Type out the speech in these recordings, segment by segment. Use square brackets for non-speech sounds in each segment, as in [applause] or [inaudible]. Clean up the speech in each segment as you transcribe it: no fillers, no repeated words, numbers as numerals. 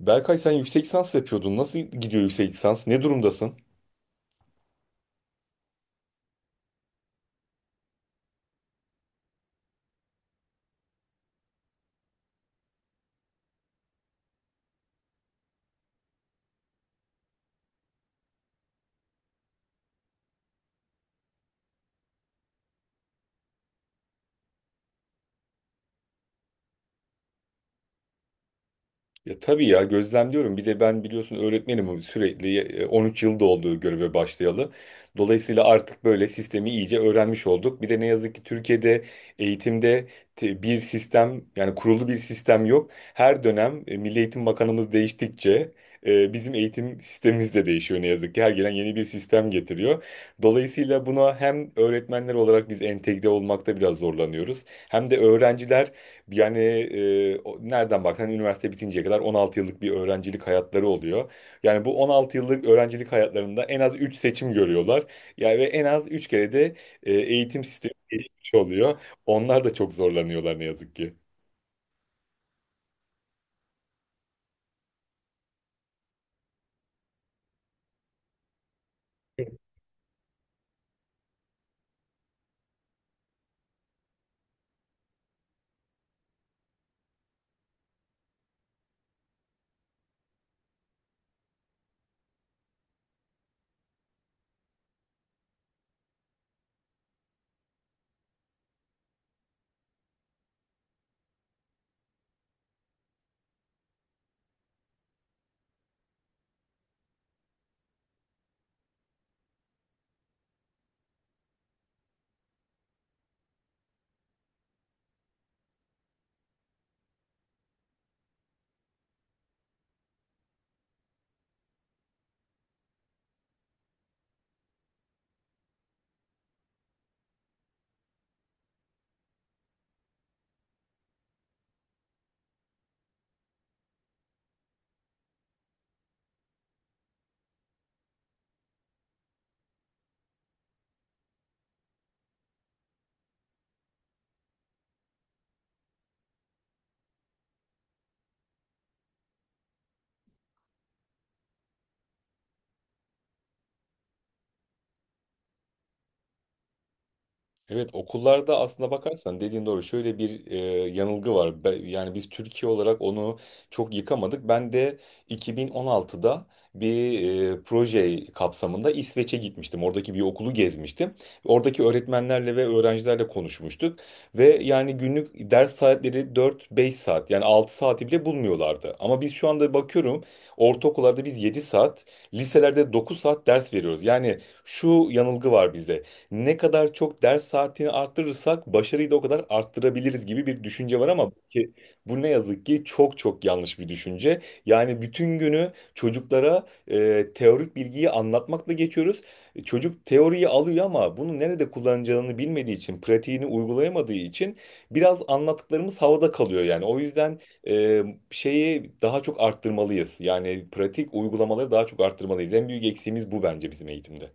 Berkay sen yüksek lisans yapıyordun. Nasıl gidiyor yüksek lisans? Ne durumdasın? Ya tabii ya gözlemliyorum. Bir de ben biliyorsun öğretmenim, hani sürekli 13 yıl olduğu göreve başlayalı. Dolayısıyla artık böyle sistemi iyice öğrenmiş olduk. Bir de ne yazık ki Türkiye'de eğitimde bir sistem, yani kurulu bir sistem yok. Her dönem Milli Eğitim Bakanımız değiştikçe bizim eğitim sistemimiz de değişiyor ne yazık ki. Her gelen yeni bir sistem getiriyor. Dolayısıyla buna hem öğretmenler olarak biz entegre olmakta biraz zorlanıyoruz. Hem de öğrenciler yani nereden baksan üniversite bitinceye kadar 16 yıllık bir öğrencilik hayatları oluyor. Yani bu 16 yıllık öğrencilik hayatlarında en az 3 seçim görüyorlar. Yani ve en az 3 kere de eğitim sistemi değişmiş oluyor. Onlar da çok zorlanıyorlar ne yazık ki. Evet, okullarda aslında bakarsan dediğin doğru. Şöyle bir yanılgı var. Yani biz Türkiye olarak onu çok yıkamadık. Ben de 2016'da bir proje kapsamında İsveç'e gitmiştim. Oradaki bir okulu gezmiştim. Oradaki öğretmenlerle ve öğrencilerle konuşmuştuk. Ve yani günlük ders saatleri 4-5 saat, yani 6 saati bile bulmuyorlardı. Ama biz şu anda bakıyorum, ortaokullarda biz 7 saat, liselerde 9 saat ders veriyoruz. Yani şu yanılgı var bizde: ne kadar çok ders saatini arttırırsak başarıyı da o kadar arttırabiliriz gibi bir düşünce var. Ama ki bu ne yazık ki çok çok yanlış bir düşünce. Yani bütün günü çocuklara teorik bilgiyi anlatmakla geçiyoruz. Çocuk teoriyi alıyor ama bunu nerede kullanacağını bilmediği için, pratiğini uygulayamadığı için biraz anlattıklarımız havada kalıyor yani. O yüzden e, şeyi daha çok arttırmalıyız. Yani pratik uygulamaları daha çok arttırmalıyız. En büyük eksiğimiz bu bence bizim eğitimde.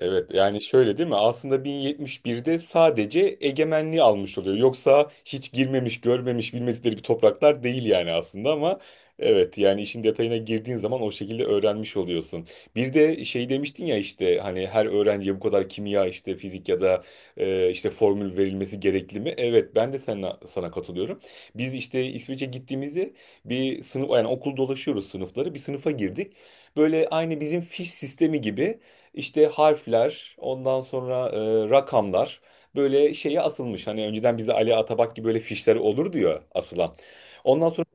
Evet yani şöyle değil mi? Aslında 1071'de sadece egemenliği almış oluyor. Yoksa hiç girmemiş, görmemiş, bilmedikleri bir topraklar değil yani aslında. Ama evet, yani işin detayına girdiğin zaman o şekilde öğrenmiş oluyorsun. Bir de şey demiştin ya, işte hani her öğrenciye bu kadar kimya, işte fizik ya da işte formül verilmesi gerekli mi? Evet, ben de sana katılıyorum. Biz işte İsveç'e gittiğimizde bir sınıf, yani okul dolaşıyoruz sınıfları. Bir sınıfa girdik. Böyle aynı bizim fiş sistemi gibi işte harfler, ondan sonra rakamlar böyle şeye asılmış. Hani önceden bize Ali Atabak gibi böyle fişler olurdu ya asılan. Ondan sonra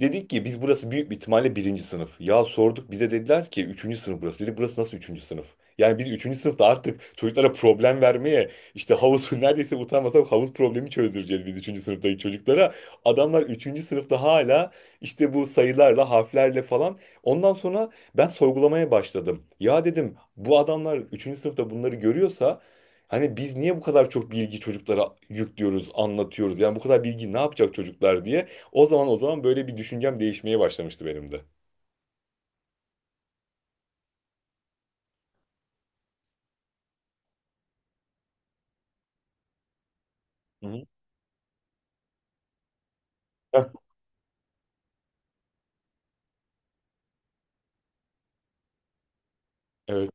dedik ki biz, burası büyük bir ihtimalle birinci sınıf. Ya sorduk, bize dediler ki üçüncü sınıf burası. Dedik, burası nasıl üçüncü sınıf? Yani biz üçüncü sınıfta artık çocuklara problem vermeye, işte havuz [laughs] neredeyse utanmasak havuz problemi çözdüreceğiz biz üçüncü sınıftaki çocuklara. Adamlar üçüncü sınıfta hala işte bu sayılarla harflerle falan. Ondan sonra ben sorgulamaya başladım. Ya dedim, bu adamlar üçüncü sınıfta bunları görüyorsa hani biz niye bu kadar çok bilgi çocuklara yüklüyoruz, anlatıyoruz? Yani bu kadar bilgi ne yapacak çocuklar diye. O zaman böyle bir düşüncem değişmeye başlamıştı benim de. Hı hı. Heh. Evet.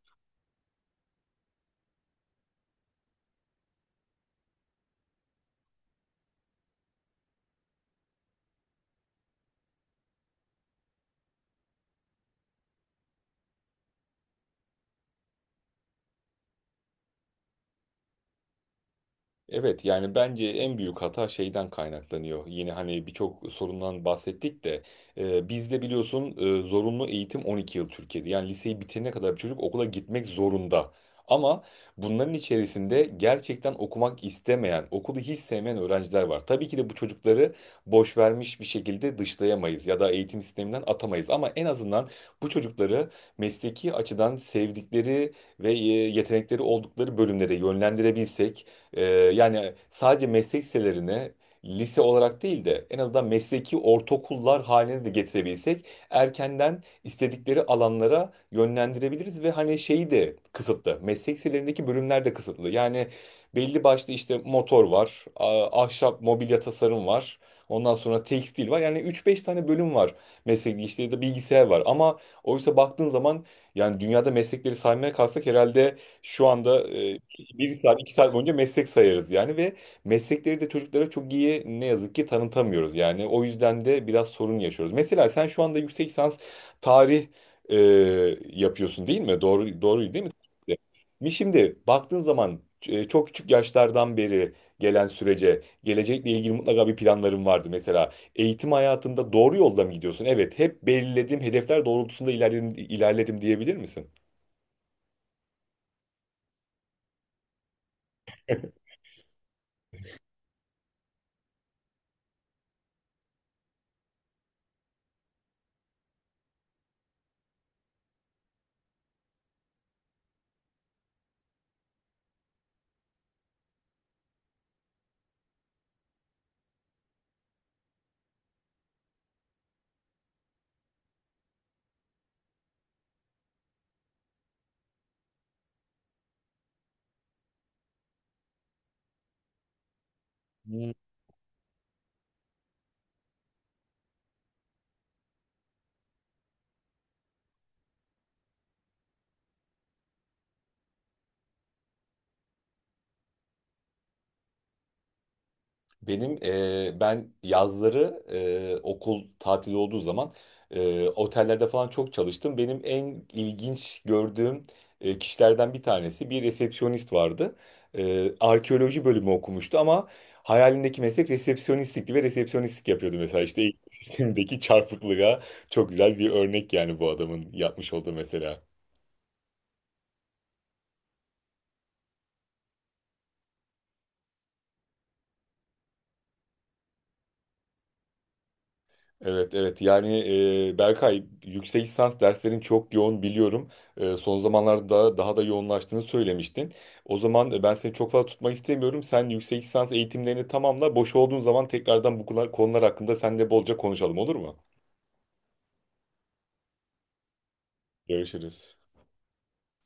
Evet, yani bence en büyük hata şeyden kaynaklanıyor. Yine hani birçok sorundan bahsettik de bizde biliyorsun zorunlu eğitim 12 yıl Türkiye'de. Yani liseyi bitirene kadar bir çocuk okula gitmek zorunda. Ama bunların içerisinde gerçekten okumak istemeyen, okulu hiç sevmeyen öğrenciler var. Tabii ki de bu çocukları boş vermiş bir şekilde dışlayamayız ya da eğitim sisteminden atamayız. Ama en azından bu çocukları mesleki açıdan sevdikleri ve yetenekleri oldukları bölümlere yönlendirebilsek, ee, yani sadece meslek liselerine lise olarak değil de en azından mesleki ortaokullar haline de getirebilsek erkenden istedikleri alanlara yönlendirebiliriz. Ve hani şeyi de kısıtlı. Meslek liselerindeki bölümler de kısıtlı. Yani belli başlı işte motor var, ahşap mobilya tasarım var. Ondan sonra tekstil var. Yani üç beş tane bölüm var. Meslek işte ya da bilgisayar var. Ama oysa baktığın zaman yani dünyada meslekleri saymaya kalksak herhalde şu anda bir saat, iki saat boyunca meslek sayarız yani. Ve meslekleri de çocuklara çok iyi ne yazık ki tanıtamıyoruz yani. O yüzden de biraz sorun yaşıyoruz. Mesela sen şu anda yüksek lisans tarih e, yapıyorsun değil mi? Doğru değil mi? Mi şimdi baktığın zaman çok küçük yaşlardan beri gelen sürece, gelecekle ilgili mutlaka bir planların vardı. Mesela eğitim hayatında doğru yolda mı gidiyorsun? Evet, hep belirlediğim hedefler doğrultusunda ilerledim diyebilir misin? Ben yazları okul tatili olduğu zaman otellerde falan çok çalıştım. Benim en ilginç gördüğüm kişilerden bir tanesi bir resepsiyonist vardı. Arkeoloji bölümü okumuştu ama hayalindeki meslek resepsiyonistlikti ve resepsiyonistlik yapıyordu. Mesela işte eğitim [laughs] sistemindeki çarpıklığa çok güzel bir örnek yani bu adamın yapmış olduğu mesela. Evet evet, yani Berkay yüksek lisans derslerin çok yoğun biliyorum. Son zamanlarda daha da yoğunlaştığını söylemiştin. O zaman ben seni çok fazla tutmak istemiyorum. Sen yüksek lisans eğitimlerini tamamla. Boş olduğun zaman tekrardan bu konular hakkında seninle bolca konuşalım, olur mu? Görüşürüz.